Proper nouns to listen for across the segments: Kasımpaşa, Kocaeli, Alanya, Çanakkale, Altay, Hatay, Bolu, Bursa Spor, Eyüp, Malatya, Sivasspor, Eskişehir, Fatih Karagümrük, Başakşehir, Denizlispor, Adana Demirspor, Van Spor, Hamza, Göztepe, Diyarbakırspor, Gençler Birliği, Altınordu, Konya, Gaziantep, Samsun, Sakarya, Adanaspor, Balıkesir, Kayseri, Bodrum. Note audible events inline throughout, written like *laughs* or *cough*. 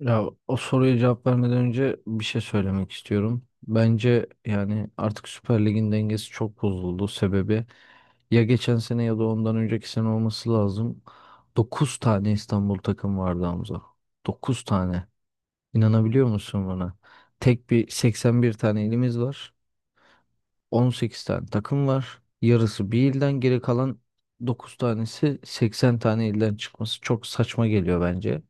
Ya o soruya cevap vermeden önce bir şey söylemek istiyorum. Bence yani artık Süper Lig'in dengesi çok bozuldu. Sebebi ya geçen sene ya da ondan önceki sene olması lazım. 9 tane İstanbul takım vardı, Hamza. 9 tane. İnanabiliyor musun buna? Tek bir 81 tane ilimiz var. 18 tane takım var. Yarısı bir ilden, geri kalan 9 tanesi 80 tane ilden çıkması çok saçma geliyor bence.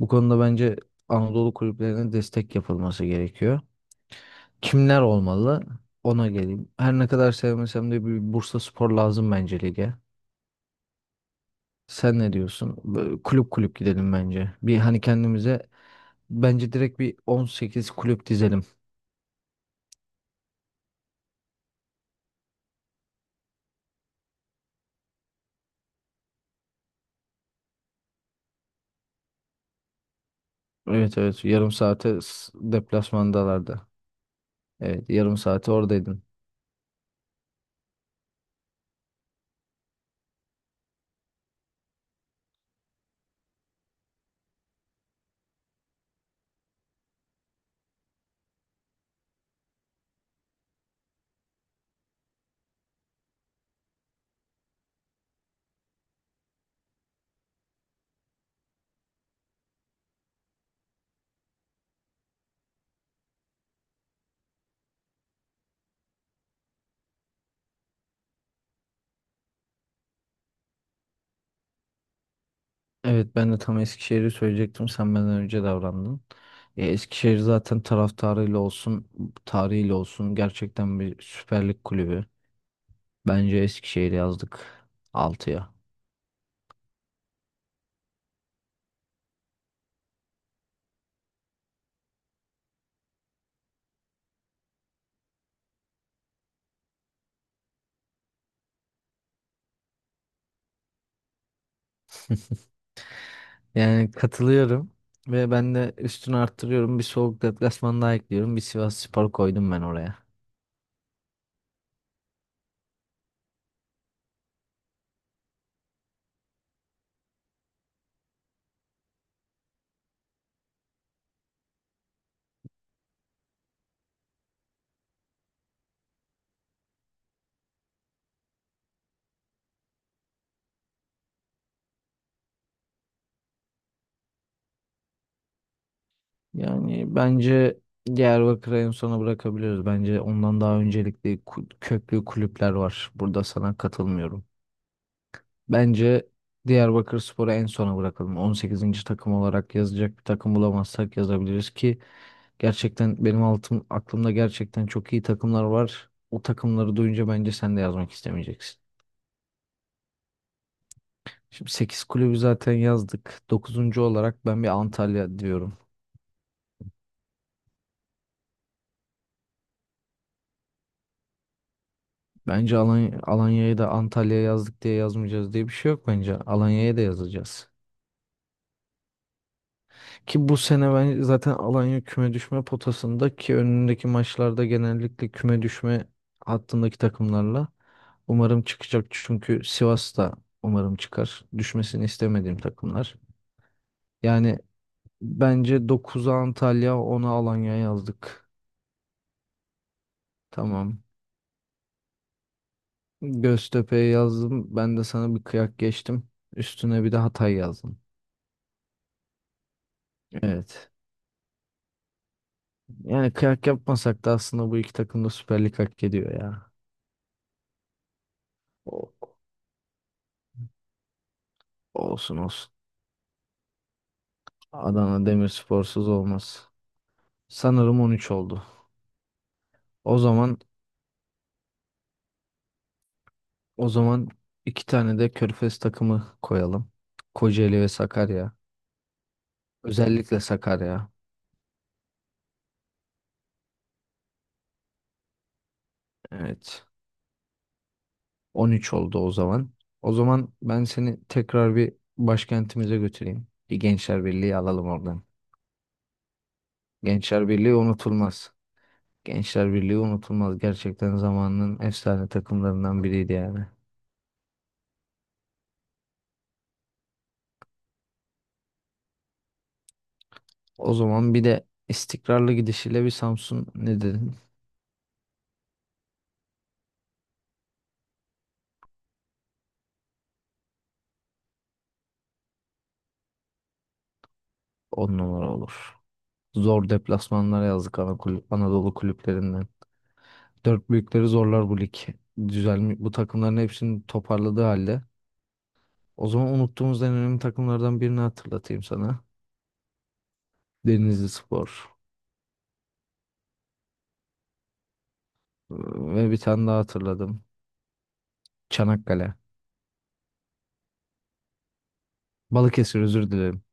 Bu konuda bence Anadolu kulüplerine destek yapılması gerekiyor. Kimler olmalı? Ona geleyim. Her ne kadar sevmesem de bir Bursa Spor lazım bence lige. Sen ne diyorsun? Böyle kulüp kulüp gidelim bence. Bir hani kendimize bence direkt bir 18 kulüp dizelim. Evet evet, yarım saate deplasmandalardı. Evet, yarım saate oradaydın. Evet, ben de tam Eskişehir'i söyleyecektim. Sen benden önce davrandın. Eskişehir zaten taraftarıyla olsun, tarihiyle olsun gerçekten bir Süper Lig kulübü. Bence Eskişehir'i yazdık altıya. Yani katılıyorum ve ben de üstünü arttırıyorum. Bir soğuk deplasman daha ekliyorum. Bir Sivasspor koydum ben oraya. Yani bence Diyarbakır'ı en sona bırakabiliriz. Bence ondan daha öncelikli köklü kulüpler var. Burada sana katılmıyorum. Bence Diyarbakırspor'u en sona bırakalım. On sekizinci takım olarak yazacak bir takım bulamazsak yazabiliriz, ki gerçekten benim altım, aklımda gerçekten çok iyi takımlar var. O takımları duyunca bence sen de yazmak istemeyeceksin. Şimdi 8 kulübü zaten yazdık. Dokuzuncu olarak ben bir Antalya diyorum. Bence Alanya'yı da Antalya'ya yazdık diye yazmayacağız diye bir şey yok bence. Alanya'ya da yazacağız. Ki bu sene ben zaten Alanya küme düşme potasında, ki önündeki maçlarda genellikle küme düşme hattındaki takımlarla umarım çıkacak. Çünkü Sivas da umarım çıkar. Düşmesini istemediğim takımlar. Yani bence dokuza Antalya, ona Alanya yazdık. Tamam. Göztepe'ye yazdım. Ben de sana bir kıyak geçtim. Üstüne bir de Hatay yazdım. Evet. Yani kıyak yapmasak da aslında bu iki takım da Süper Lig hak ediyor ya. O- olsun olsun. Adana Demirspor'suz olmaz. Sanırım 13 oldu. O zaman o zaman iki tane de Körfez takımı koyalım. Kocaeli ve Sakarya. Özellikle Sakarya. Evet. 13 oldu o zaman. O zaman ben seni tekrar bir başkentimize götüreyim. Bir Gençler Birliği alalım oradan. Gençler Birliği unutulmaz. Gençler Birliği unutulmaz. Gerçekten zamanının efsane takımlarından biriydi yani. O zaman bir de istikrarlı gidişiyle bir Samsun, ne dedin? On numara olur. Zor deplasmanlar yazdık ana kulüp, Anadolu kulüplerinden. Dört büyükleri zorlar bu lig. Düzelmiş, bu takımların hepsini toparladığı halde. O zaman unuttuğumuz en önemli takımlardan birini hatırlatayım sana. Denizlispor. Ee, Ve bir tane daha hatırladım. Çanakkale. Balıkesir, özür dilerim.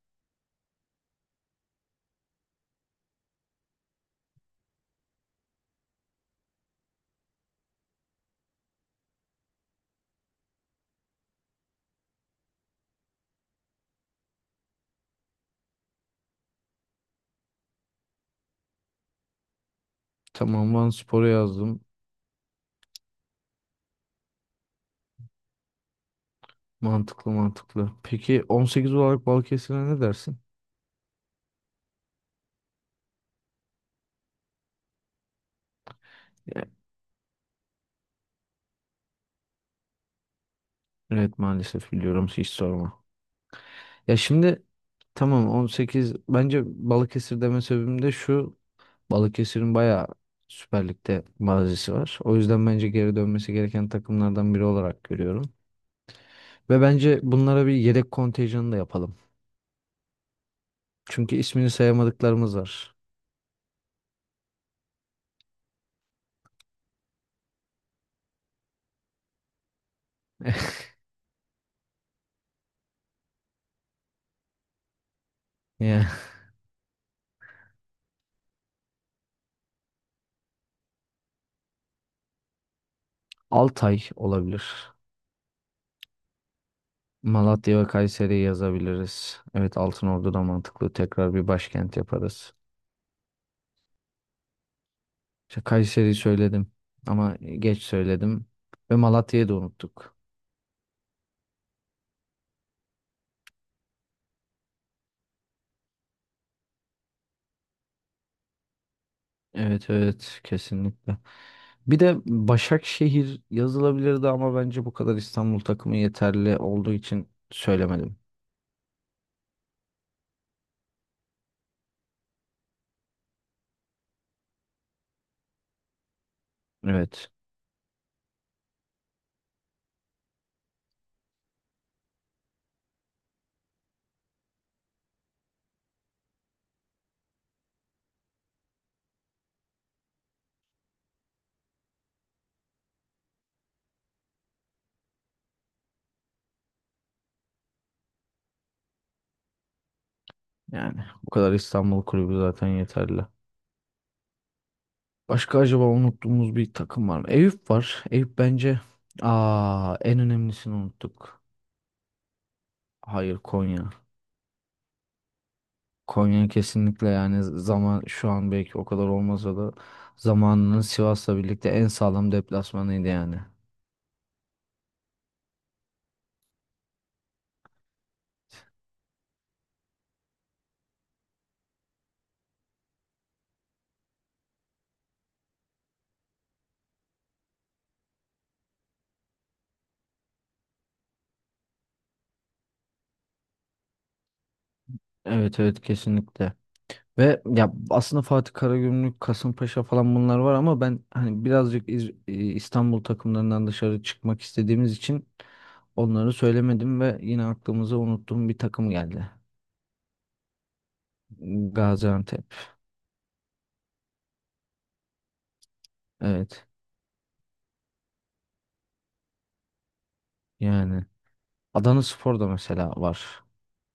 Tamam, Van Spor'u yazdım. Mantıklı mantıklı. Peki 18 olarak Balıkesir'e ne dersin? Ya, evet, maalesef biliyorum, hiç sorma. Ya şimdi tamam, on sekiz. Bence Balıkesir deme sebebim de şu: Balıkesir'in bayağı Süper Lig'de mazisi var. O yüzden bence geri dönmesi gereken takımlardan biri olarak görüyorum. Ve bence bunlara bir yedek kontenjanı da yapalım. Çünkü ismini sayamadıklarımız var. *laughs* Yani Altay olabilir. Malatya ve Kayseri'yi yazabiliriz. Evet, Altınordu da mantıklı. Tekrar bir başkent yaparız. İşte Kayseri'yi söyledim ama geç söyledim. Ve Malatya'yı da unuttuk. Evet evet, kesinlikle. Bir de Başakşehir yazılabilirdi ama bence bu kadar İstanbul takımı yeterli olduğu için söylemedim. Evet, yani bu kadar İstanbul kulübü zaten yeterli. Başka acaba unuttuğumuz bir takım var mı? Eyüp var. Eyüp bence, aa, en önemlisini unuttuk. Hayır, Konya. Konya kesinlikle, yani zaman şu an belki o kadar olmasa da zamanının Sivas'la birlikte en sağlam deplasmanıydı yani. Evet evet, kesinlikle. Ve ya aslında Fatih Karagümrük, Kasımpaşa falan bunlar var ama ben hani birazcık İstanbul takımlarından dışarı çıkmak istediğimiz için onları söylemedim ve yine aklımıza unuttuğum bir takım geldi. Gaziantep. Evet. Yani Adanaspor da mesela var.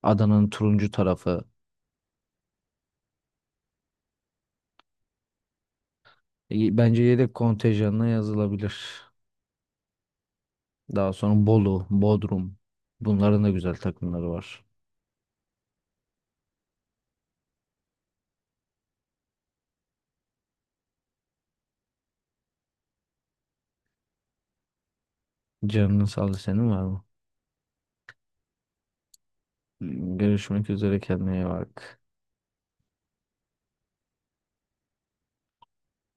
Adana'nın turuncu tarafı. Bence yedek kontenjanına yazılabilir. Daha sonra Bolu, Bodrum. Bunların da güzel takımları var. Canının sağlığı, senin var mı? Görüşmek üzere, kendine iyi bak.